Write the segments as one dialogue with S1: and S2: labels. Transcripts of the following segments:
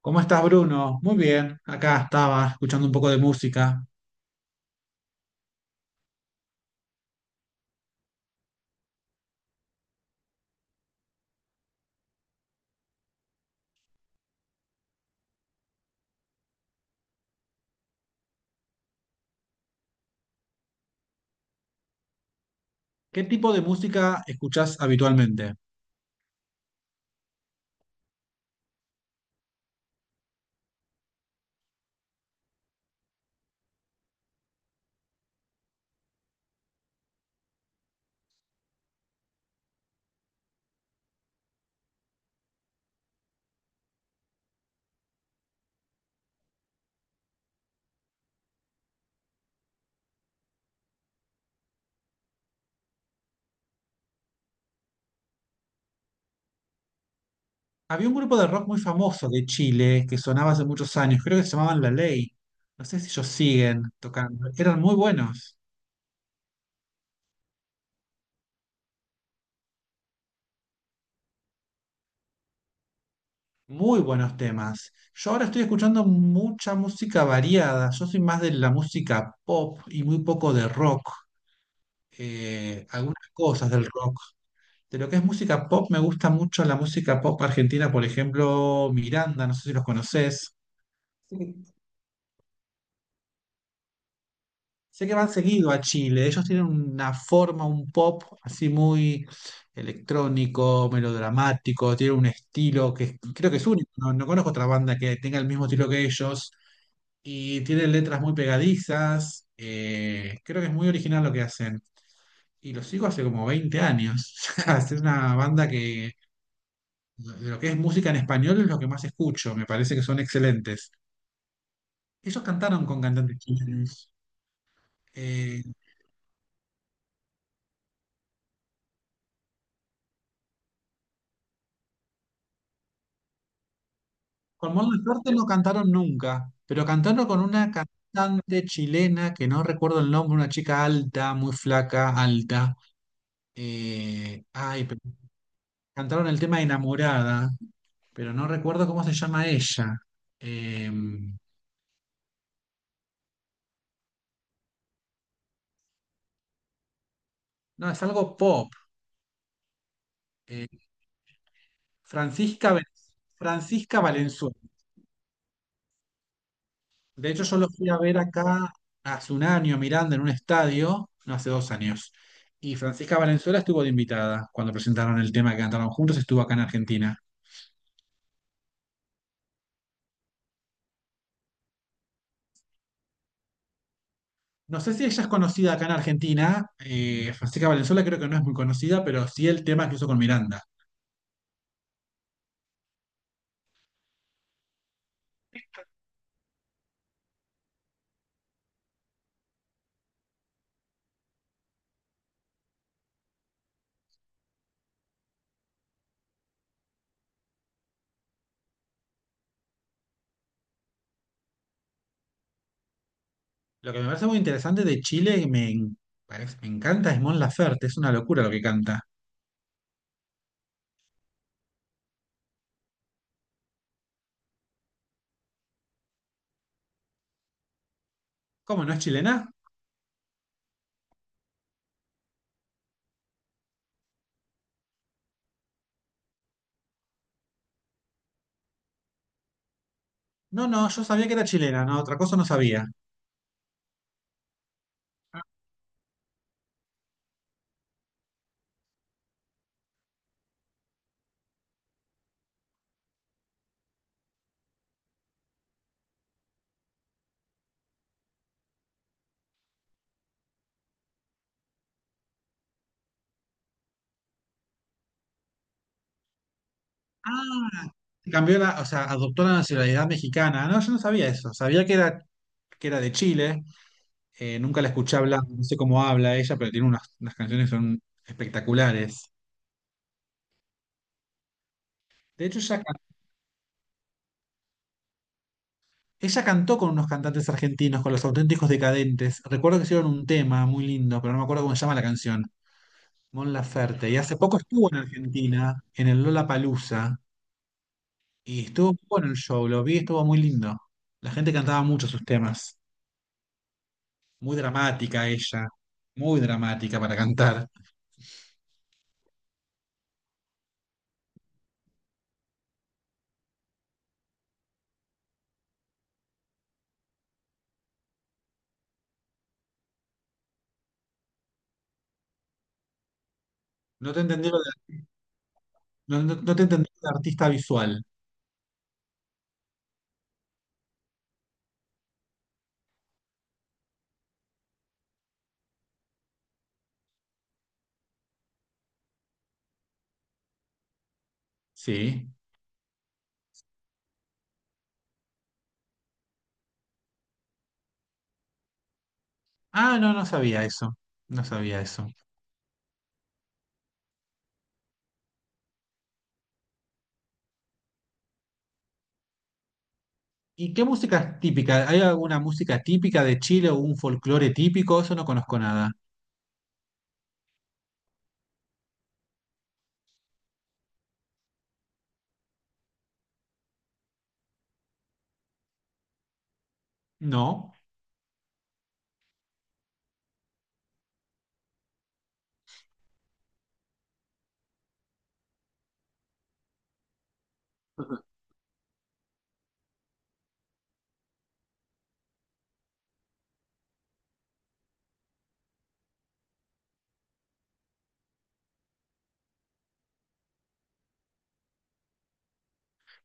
S1: ¿Cómo estás, Bruno? Muy bien, acá estaba escuchando un poco de música. ¿Qué tipo de música escuchás habitualmente? Había un grupo de rock muy famoso de Chile que sonaba hace muchos años, creo que se llamaban La Ley. No sé si ellos siguen tocando. Eran muy buenos. Muy buenos temas. Yo ahora estoy escuchando mucha música variada. Yo soy más de la música pop y muy poco de rock. Algunas cosas del rock. De lo que es música pop, me gusta mucho la música pop argentina, por ejemplo, Miranda, no sé si los conoces. Sí. Sé que van seguido a Chile, ellos tienen una forma, un pop así muy electrónico, melodramático, tienen un estilo creo que es único, no, no conozco otra banda que tenga el mismo estilo que ellos y tienen letras muy pegadizas, creo que es muy original lo que hacen y los sigo hace como 20 años, o sea, es una banda que. De lo que es música en español es lo que más escucho, me parece que son excelentes. Ellos cantaron con cantantes chilenos. Eh, con Mon Laferte no cantaron nunca, pero cantaron con una cantante chilena que no recuerdo el nombre, una chica alta, muy flaca, alta. Ay, pero cantaron el tema Enamorada, pero no recuerdo cómo se llama ella. Eh, no, es algo pop. Eh, Francisca, Francisca Valenzuela. De hecho, yo lo fui a ver acá hace un año, Miranda, en un estadio, no hace 2 años. Y Francisca Valenzuela estuvo de invitada cuando presentaron el tema que cantaron juntos, estuvo acá en Argentina. No sé si ella es conocida acá en Argentina. Francisca Valenzuela creo que no es muy conocida, pero sí el tema que hizo con Miranda. Lo que me parece muy interesante de Chile y me encanta es Mon Laferte, es una locura lo que canta. ¿Cómo no es chilena? No, no, yo sabía que era chilena, no, otra cosa no sabía. Cambió la, o sea, adoptó la nacionalidad mexicana. No, yo no sabía eso. Sabía que era de Chile. Nunca la escuché hablar. No sé cómo habla ella, pero tiene unas canciones que son espectaculares. De hecho, ella cantó con unos cantantes argentinos, con los auténticos decadentes. Recuerdo que hicieron un tema muy lindo, pero no me acuerdo cómo se llama la canción. Mon Laferte. Y hace poco estuvo en Argentina, en el Lollapalooza. Y estuvo muy bueno el show. Lo vi, estuvo muy lindo. La gente cantaba mucho sus temas. Muy dramática ella. Muy dramática para cantar. No te entendí lo de- no, no- No te entendí lo de artista visual. Sí. Ah, no, no sabía eso. No sabía eso. ¿Y qué música es típica? ¿Hay alguna música típica de Chile o un folclore típico? Eso no conozco nada. No.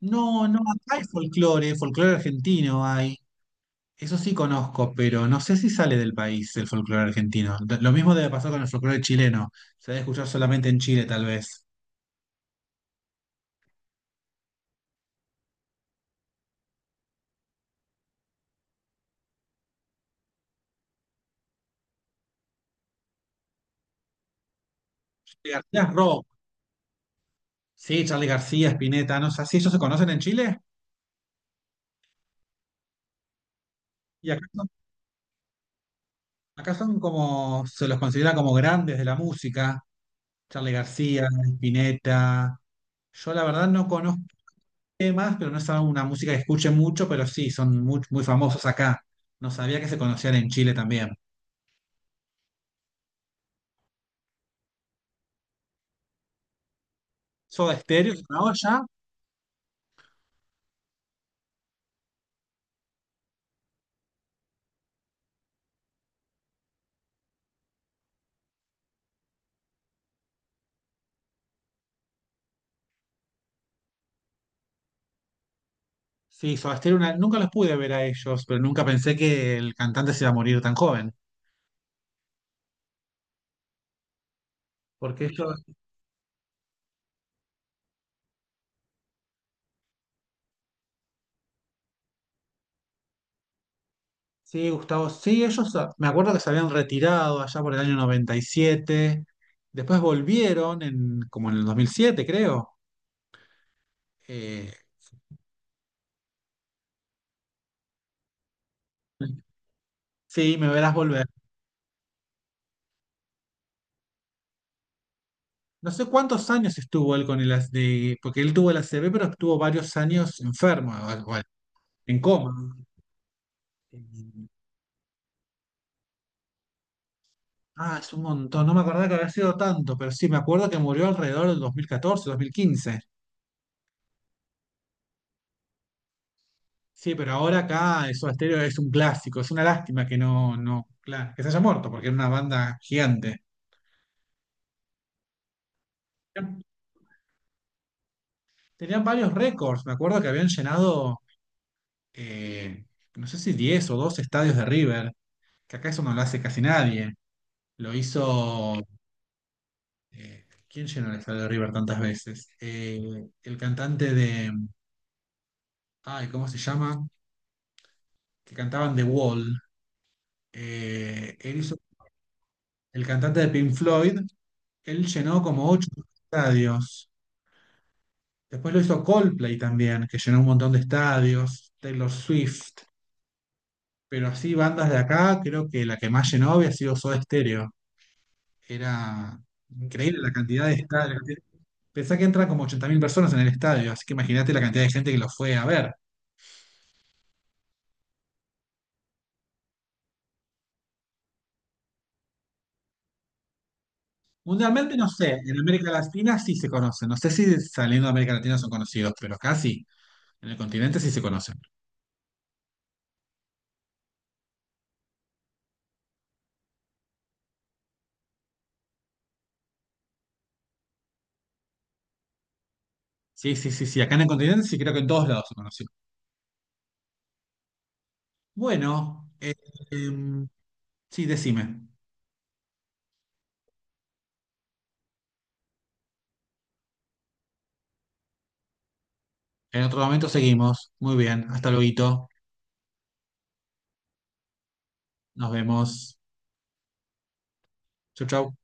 S1: No, no, acá hay folclore, folclore argentino hay. Eso sí conozco, pero no sé si sale del país el folclore argentino. Lo mismo debe pasar con el folclore chileno. Se debe escuchar solamente en Chile, tal vez. Charly García es rock. Sí, Charly García, Spinetta, no sé, ¿sí ellos se conocen en Chile? Y acá no. Acá son como, se los considera como grandes de la música, Charly García, Spinetta. Yo la verdad no conozco temas, pero no es una música que escuche mucho, pero sí, son muy, muy famosos acá. No sabía que se conocían en Chile también. Soda Stereo, una olla. Sí, Soda Stereo, nunca los pude ver a ellos, pero nunca pensé que el cantante se iba a morir tan joven. Porque ellos. Sí, Gustavo, sí, ellos, me acuerdo que se habían retirado allá por el año 97. Después volvieron como en el 2007, creo. Eh, sí, me verás volver. No sé cuántos años estuvo él con el, as- de, porque él tuvo el ACV, pero estuvo varios años enfermo, o algo, bueno, en coma. Eh, es un montón, no me acordaba que había sido tanto, pero sí, me acuerdo que murió alrededor del dos mil catorce, 2015. Sí, pero ahora acá Soda Stereo es un clásico. Es una lástima que no, no, claro, que se haya muerto, porque era una banda gigante. Tenían varios récords. Me acuerdo que habían llenado, eh, no sé si 10 o 12 estadios de River, que acá eso no lo hace casi nadie. Lo hizo. ¿Quién llenó el estadio de River tantas veces? El cantante de. Ay, ¿cómo se llama? Que cantaban The Wall. Eh, él hizo- el cantante de Pink Floyd, él llenó como 8 estadios. Después lo hizo Coldplay también, que llenó un montón de estadios, Taylor Swift, pero así bandas de acá, creo que la que más llenó había sido Soda Stereo. Era increíble la cantidad de estadios. Pensá que entran como 80.000 personas en el estadio, así que imagínate la cantidad de gente que lo fue a ver. Mundialmente no sé, en América Latina sí se conocen, no sé si saliendo de América Latina son conocidos, pero acá sí en el continente sí se conocen. Sí, sí, sí, sí, acá en el continente sí creo que en todos lados se conocen. Bueno, em, sí, decime. En otro momento seguimos. Muy bien. Hasta luego. Nos vemos. Chau, chau.